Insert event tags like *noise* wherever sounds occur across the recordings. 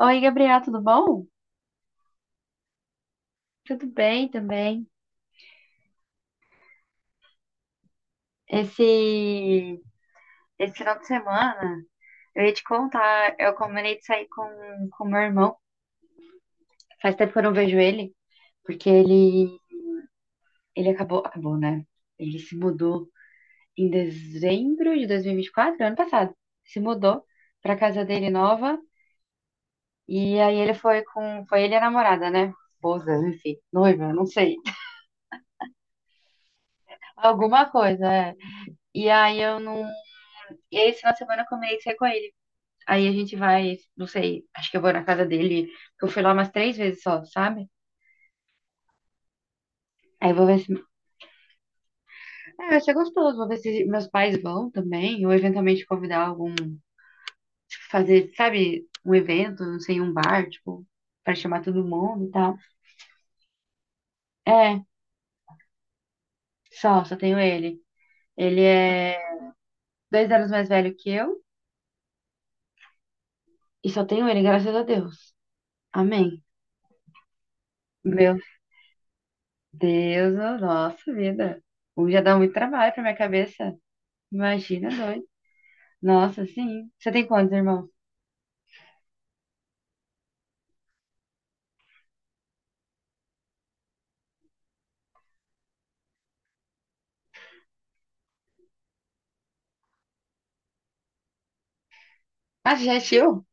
Oi, Gabriel, tudo bom? Tudo bem também. Esse, esse final de semana, eu ia te contar, eu combinei de sair com meu irmão. Faz tempo que eu não vejo ele, porque ele acabou, né? Ele se mudou em dezembro de 2024, ano passado. Se mudou pra casa dele nova, e aí ele foi foi ele e a namorada, né? Esposa, enfim, noiva, não sei. *laughs* Alguma coisa, é. E aí eu não, e aí esse final de semana eu combinei de sair com ele. Aí a gente vai, não sei, acho que eu vou na casa dele, porque eu fui lá umas três vezes só, sabe? Aí eu vou ver se. É, vai ser gostoso, vou ver se meus pais vão também, ou eventualmente convidar algum. Tipo, fazer, sabe, um evento, não sei, um bar, tipo, pra chamar todo mundo e tal. É, só tenho ele. Ele é 2 anos mais velho que eu, e só tenho ele, graças a Deus. Amém. Meu Deus, oh, nossa vida. Um já dá muito trabalho pra minha cabeça. Imagina dois. Nossa, sim. Você tem quantos irmãos? Ah, você já é tio?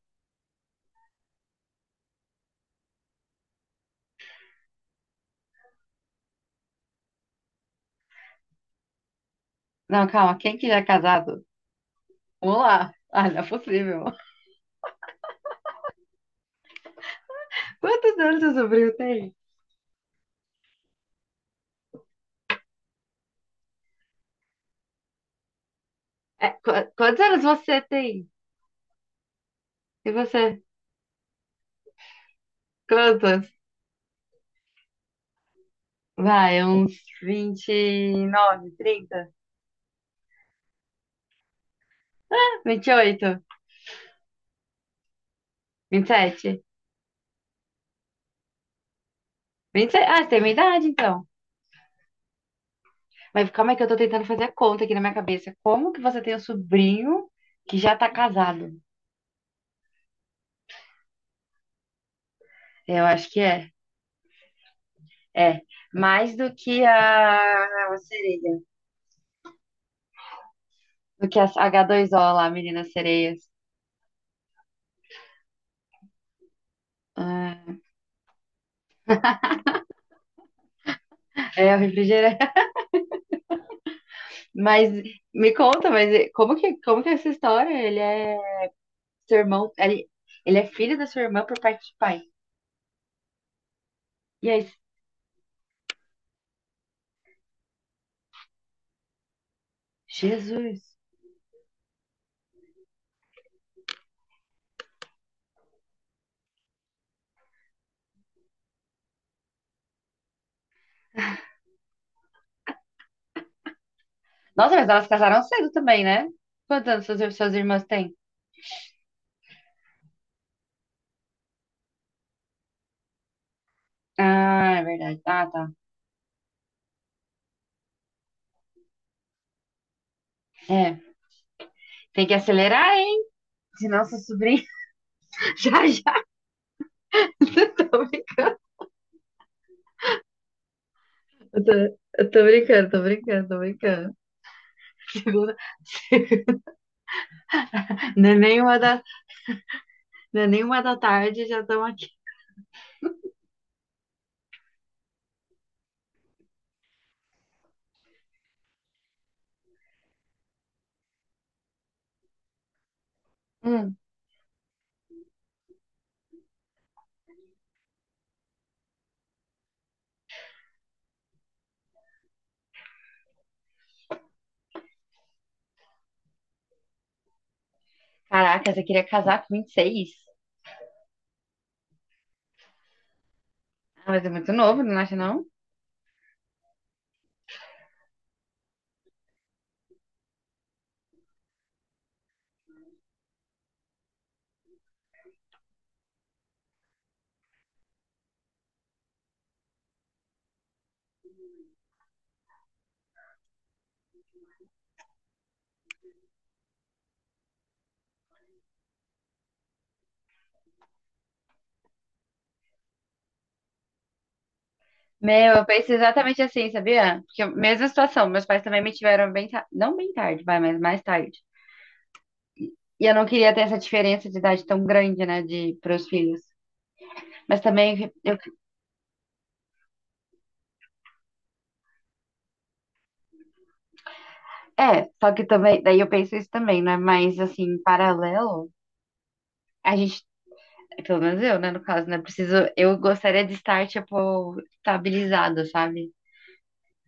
Não, calma. Quem que já é casado? Vamos lá. Ah, não é possível. Quantos anos seu sobrinho tem? É, quantos anos você tem? E você? Quantos? Vai, uns 29, 30, 28, 27. 27. Ah, você tem minha idade, então. Mas calma aí que eu tô tentando fazer a conta aqui na minha cabeça. Como que você tem um sobrinho que já tá casado? Eu acho que é. É. Mais do que a sereia. Do que as H2O lá, meninas sereias. Ah, é o refrigerante. *laughs* Mas me conta, mas como que é essa história? Ele é seu irmão, ele é filho da sua irmã por parte de pai. E aí, Jesus. Nossa, mas elas casaram cedo também, né? Quantos anos suas irmãs têm? Ah, é verdade. Ah, tá. É. Tem que acelerar, hein? Senão seu sobrinha. *laughs* Já, já. *laughs* Eu tô, brin- eu tô brincando, tô brincando, tô brincando. *laughs* Segunda- Não é nenhuma da, não é nenhuma da tarde, já estamos Hum, caraca, você queria casar com 26? Ah, mas é muito novo, não acha não? Meu, eu penso exatamente assim, sabia? Porque mesma situação, meus pais também me tiveram bem, não bem tarde, vai, mas mais tarde. E eu não queria ter essa diferença de idade tão grande, né, de pros filhos. Mas também eu, é, só que também, daí eu penso isso também, né? Mas assim, em paralelo, a gente, pelo menos eu, né, no caso, né, preciso, eu gostaria de estar tipo estabilizado, sabe?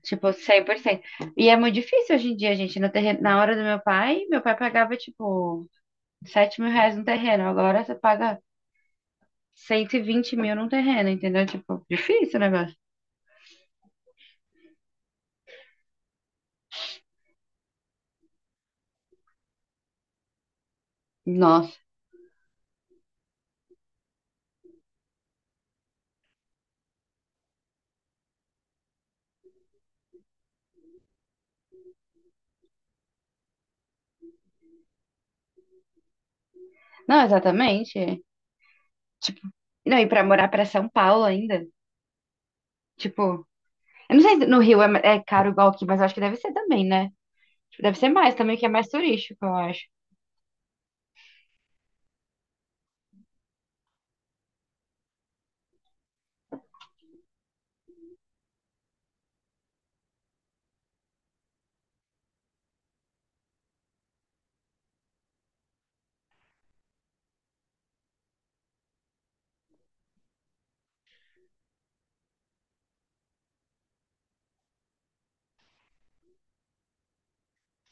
Tipo, cem por cento. E é muito difícil hoje em dia, gente. No terreno, na hora do meu pai pagava, tipo, 7 mil reais no terreno. Agora você paga 120 mil num terreno, entendeu? Tipo, difícil o negócio. Nossa. Não, exatamente. É. Tipo, não, e pra morar pra São Paulo ainda. Tipo, eu não sei se no Rio é caro igual aqui, mas eu acho que deve ser também, né? Tipo, deve ser mais também, que é mais turístico, eu acho.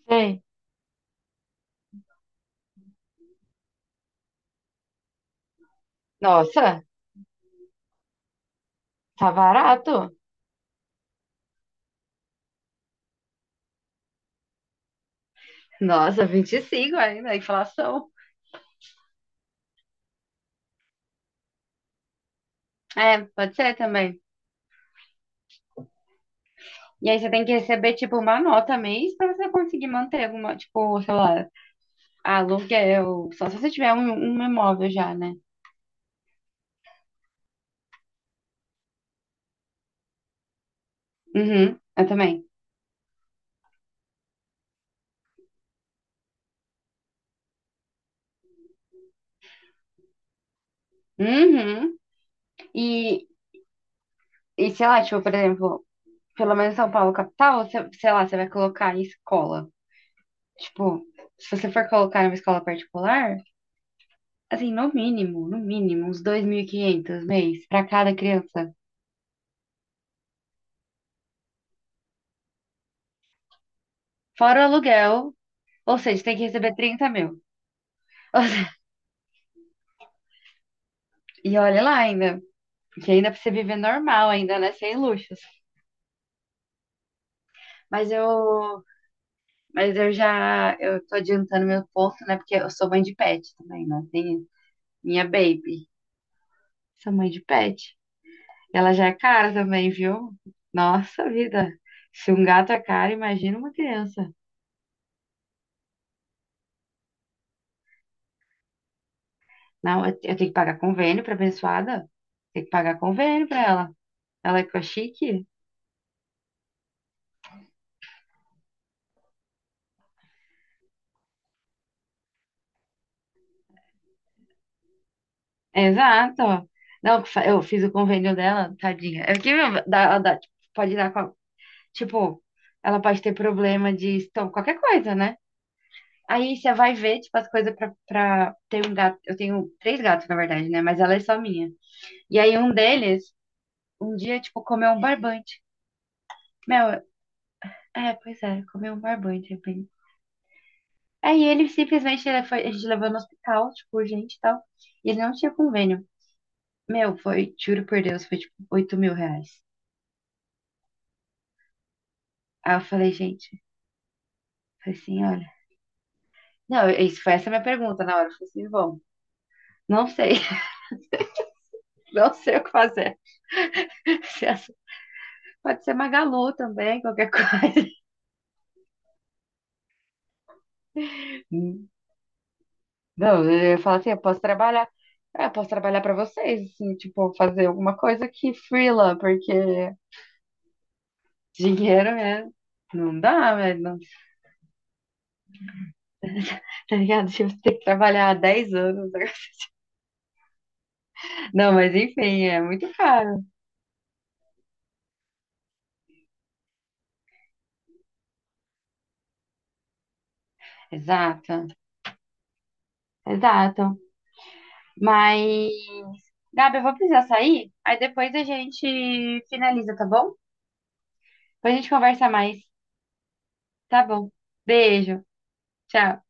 Sei. Nossa, tá barato. Nossa, 25 ainda, inflação. É, pode ser também. E aí você tem que receber, tipo, uma nota mês pra você conseguir manter alguma, tipo, sei lá, aluguel. Só se você tiver um imóvel já, né? Uhum, eu também. Uhum. E, e sei lá, tipo, por exemplo, pelo menos São Paulo capital, você, sei lá, você vai colocar em escola. Tipo, se você for colocar em uma escola particular, assim, no mínimo, no mínimo, uns 2.500 mês pra cada criança. Fora o aluguel, ou seja, tem que receber 30 mil. *laughs* E olha lá ainda, porque ainda pra você viver normal, ainda, né? Sem luxos. Mas eu. Mas eu já. Eu tô adiantando meu ponto, né? Porque eu sou mãe de pet também, né? Tem minha baby. Sou mãe de pet. Ela já é cara também, viu? Nossa vida. Se um gato é caro, imagina uma criança. Não, eu tenho que pagar convênio pra abençoada. Tem que pagar convênio pra ela. Ela é com a chique? Exato. Não, eu fiz o convênio dela, tadinha. É porque meu, tipo, pode dar com tipo, ela pode ter problema de estômago, qualquer coisa, né? Aí você vai ver, tipo, as coisas pra ter um gato. Eu tenho três gatos, na verdade, né? Mas ela é só minha. E aí um deles, um dia, tipo, comeu um barbante. Meu, é, pois é, comeu um barbante, de repente. Aí ele simplesmente ele foi, a gente levou no hospital, tipo, urgente e tal. E ele não tinha convênio. Meu, foi, juro por Deus, foi tipo 8 mil reais. Aí eu falei, gente, falei assim, olha. Não, isso foi essa minha pergunta na hora. Eu falei assim, bom, não sei, *laughs* não sei o que fazer. *laughs* Pode ser Magalu também, qualquer *laughs* coisa. Hum. Não, eu falo assim, eu posso trabalhar. É, eu posso trabalhar pra vocês, assim, tipo, fazer alguma coisa que freela, porque dinheiro é. Não dá, velho. Não- Tá ligado? Tipo, você tem que trabalhar há 10 anos. *laughs* Não, mas enfim, é muito caro. Exato, exato. Mas, Gabi, eu vou precisar sair, aí depois a gente finaliza, tá bom? Depois a gente conversa mais, tá bom? Beijo, tchau.